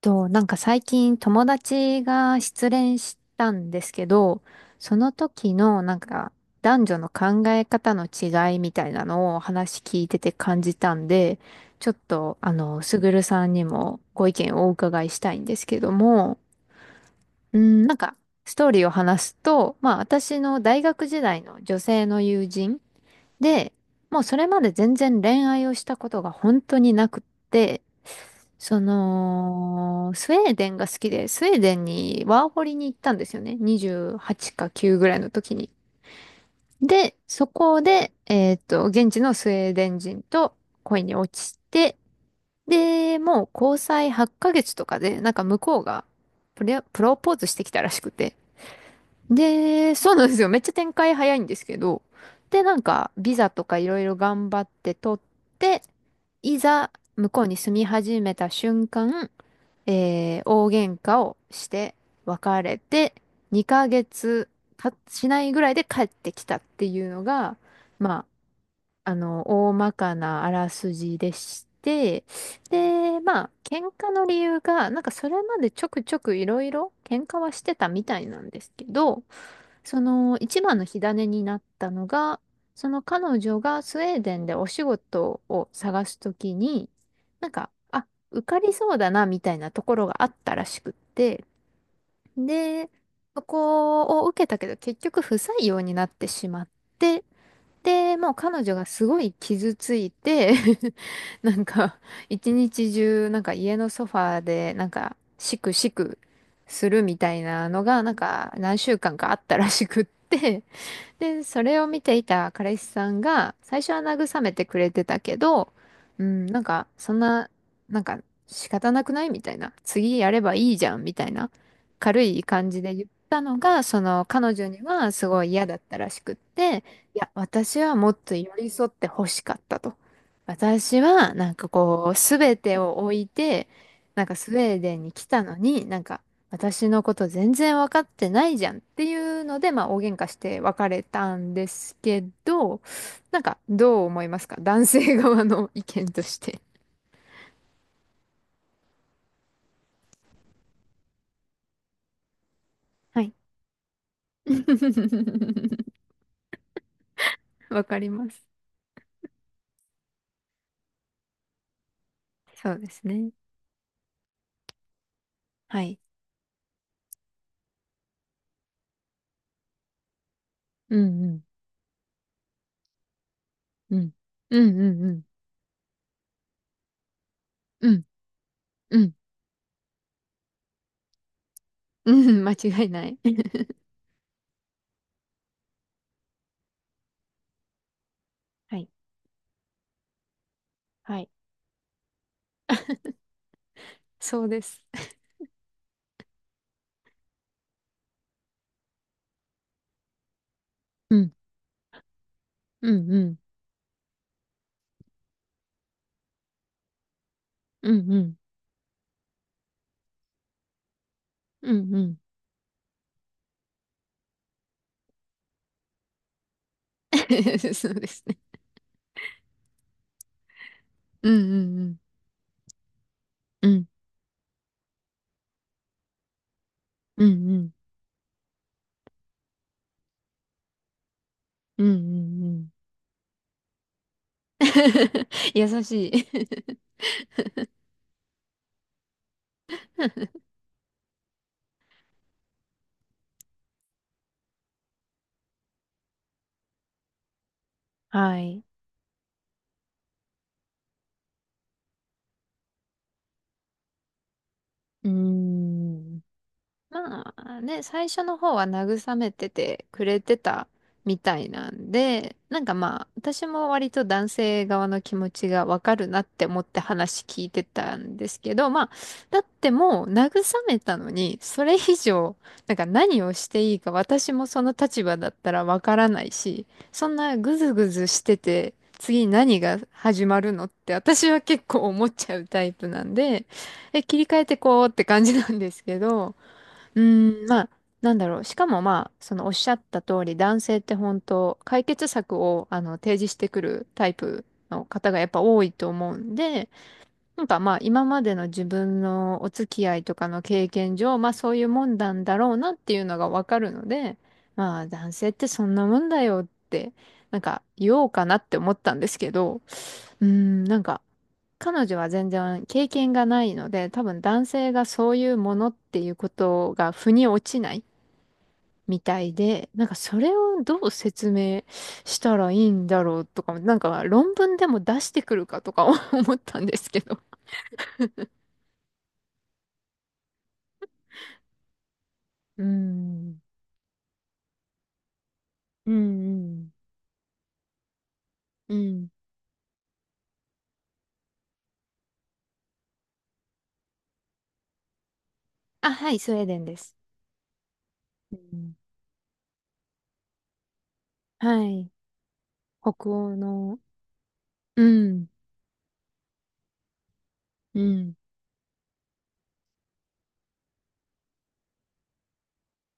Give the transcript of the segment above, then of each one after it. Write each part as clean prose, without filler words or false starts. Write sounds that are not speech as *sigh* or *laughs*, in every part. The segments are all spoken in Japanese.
と、なんか最近友達が失恋したんですけど、その時のなんか男女の考え方の違いみたいなのを話聞いてて感じたんで、ちょっとすぐるさんにもご意見をお伺いしたいんですけども、うん、なんかストーリーを話すと、まあ私の大学時代の女性の友人で、もうそれまで全然恋愛をしたことが本当になくって、その、スウェーデンが好きで、スウェーデンにワーホリに行ったんですよね。28か9ぐらいの時に。で、そこで、現地のスウェーデン人と恋に落ちて、で、もう交際8ヶ月とかで、なんか向こうがプロポーズしてきたらしくて。で、そうなんですよ。めっちゃ展開早いんですけど。で、なんか、ビザとかいろいろ頑張って取って、いざ、向こうに住み始めた瞬間、大喧嘩をして別れて2ヶ月たしないぐらいで帰ってきたっていうのが、まあ、大まかなあらすじでして、で、まあ、喧嘩の理由が、なんかそれまでちょくちょくいろいろ喧嘩はしてたみたいなんですけど、その一番の火種になったのが、その彼女がスウェーデンでお仕事を探すときに、なんか、あ、受かりそうだなみたいなところがあったらしくって、で、そこを受けたけど結局不採用になってしまって、で、もう彼女がすごい傷ついて *laughs* なんか、一日中、なんか家のソファーで、なんか、しくしくするみたいなのが、なんか、何週間かあったらしくって、で、それを見ていた彼氏さんが、最初は慰めてくれてたけど、うん、なんか、そんな、なんか、仕方なくないみたいな。次やればいいじゃんみたいな。軽い感じで言ったのが、その、彼女にはすごい嫌だったらしくって、いや、私はもっと寄り添って欲しかったと。私は、なんかこう、すべてを置いて、なんかスウェーデンに来たのに、なんか、私のこと全然分かってないじゃんっていうので、まあ大喧嘩して別れたんですけど、なんかどう思いますか男性側の意見として。はい。*laughs* わかります。そうですね。はい。うんうん。うん。うんうんうん。うんうん。うん *laughs* 間違いない。*laughs* はい。はい。そうです。うん。うんうん。うんうん。うんうん。*laughs* そうですね。うんうんうん。うんうんうん。うんうんうん。*laughs* 優しい *laughs* はい。うーん。まあね、最初の方は慰めててくれてたみたいなんで、なんかまあ、私も割と男性側の気持ちがわかるなって思って話聞いてたんですけど、まあ、だってもう慰めたのに、それ以上、なんか何をしていいか私もその立場だったらわからないし、そんなぐずぐずしてて、次何が始まるのって私は結構思っちゃうタイプなんで、え、切り替えてこうって感じなんですけど、うーん、まあ、なんだろう。しかもまあ、そのおっしゃった通り、男性って本当、解決策を提示してくるタイプの方がやっぱ多いと思うんで、なんかまあ、今までの自分のお付き合いとかの経験上、まあそういうもんなんだろうなっていうのがわかるので、まあ、男性ってそんなもんだよって、なんか言おうかなって思ったんですけど、うーん、なんか、彼女は全然経験がないので、多分男性がそういうものっていうことが腑に落ちないみたいで、なんかそれをどう説明したらいいんだろうとか、なんか論文でも出してくるかとか *laughs* 思ったんですけど。うん。うん、うん。うん。あ、はい、スウェーデンです。うん、はい。北欧の。うん。うん。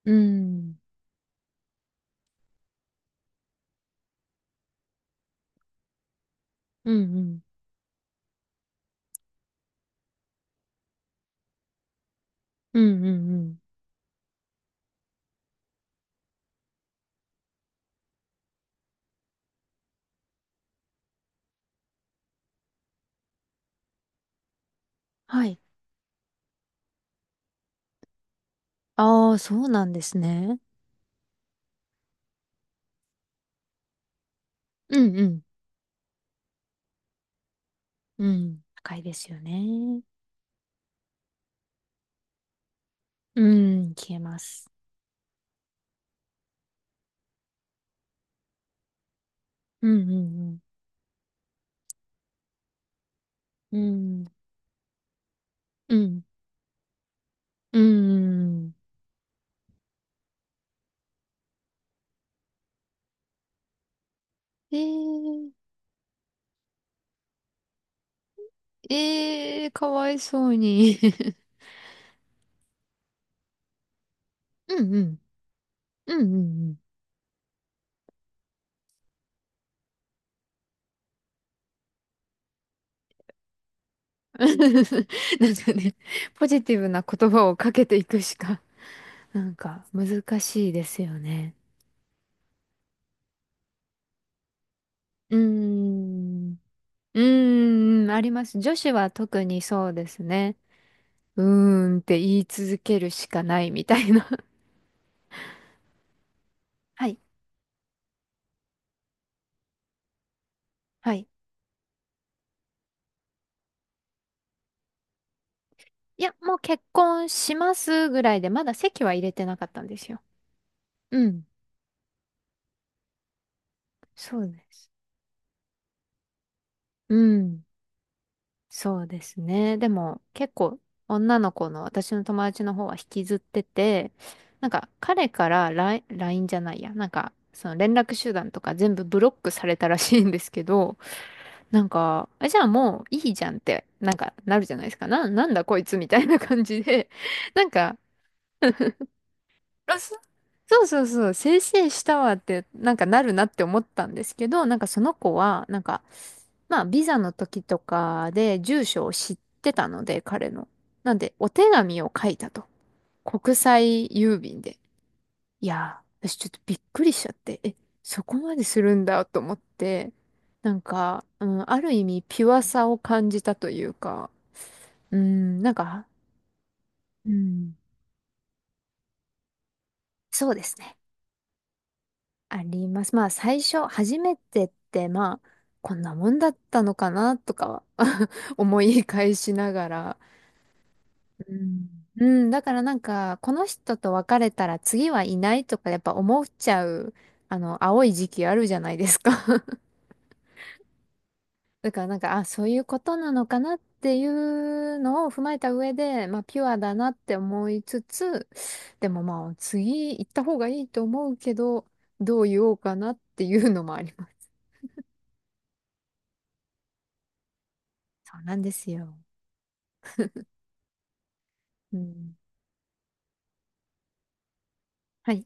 うん。うん。うん。うん。うん。うんはい。ああ、そうなんですね。うんうんうん。高いですよね。うん、消えます。うんうんうん。うん。うん。うん。えー、えー、かわいそうに。*laughs* うんうん。うんうんうん。*laughs* なんかね、ポジティブな言葉をかけていくしか、*laughs* なんか難しいですよね。うーん。うーん、あります。女子は特にそうですね。うーんって言い続けるしかないみたいな。*laughs* はい。はいいや、もう結婚しますぐらいで、まだ籍は入れてなかったんですよ。うん。そうです。うん。そうですね。でも、結構、女の子の私の友達の方は引きずってて、なんか、彼からラインラインじゃないや。なんか、その連絡手段とか全部ブロックされたらしいんですけど、なんか、あじゃあもういいじゃんって、なんか、なるじゃないですか。なんだこいつみたいな感じで、なんか、あ、そうそうそう、せいせいしたわって、なんかなるなって思ったんですけど、なんかその子は、なんか、まあ、ビザの時とかで住所を知ってたので、彼の。なんで、お手紙を書いたと。国際郵便で。いやー、私ちょっとびっくりしちゃって、え、そこまでするんだと思って、なんか、うん、ある意味、ピュアさを感じたというか、うん、なんか、うん、そうですね。あります。まあ最初、初めてって、まあ、こんなもんだったのかなとかは *laughs* 思い返しながら。うん。うん、だからなんか、この人と別れたら次はいないとかやっぱ思っちゃう、あの、青い時期あるじゃないですか *laughs* だからなんか、あ、そういうことなのかなっていうのを踏まえた上で、まあ、ピュアだなって思いつつ、でもまあ、次行った方がいいと思うけど、どう言おうかなっていうのもあります。そうなんですよ。うん。はい。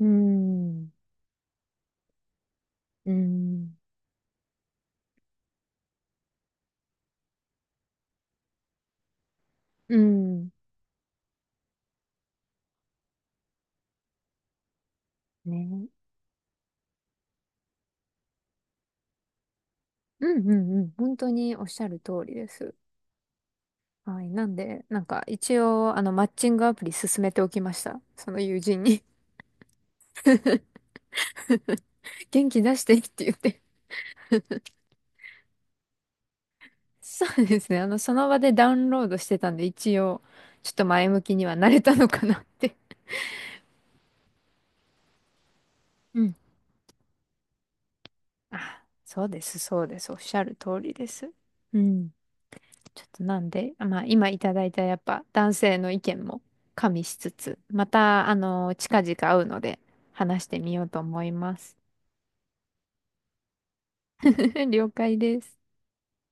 うーん。うーん。うーん。ね。うんうんうん。本当におっしゃる通りです。はい。なんで、なんか一応、マッチングアプリ進めておきました。その友人に *laughs* 元気出してって言って。そうですね。その場でダウンロードしてたんで、一応、ちょっと前向きにはなれたのかなって。うん。あ、そうです、そうです。おっしゃる通りです。うん。ちょっとなんで、まあ今いただいたやっぱ男性の意見も加味しつつ、また近々会うので話してみようと思います。*laughs* 了解です。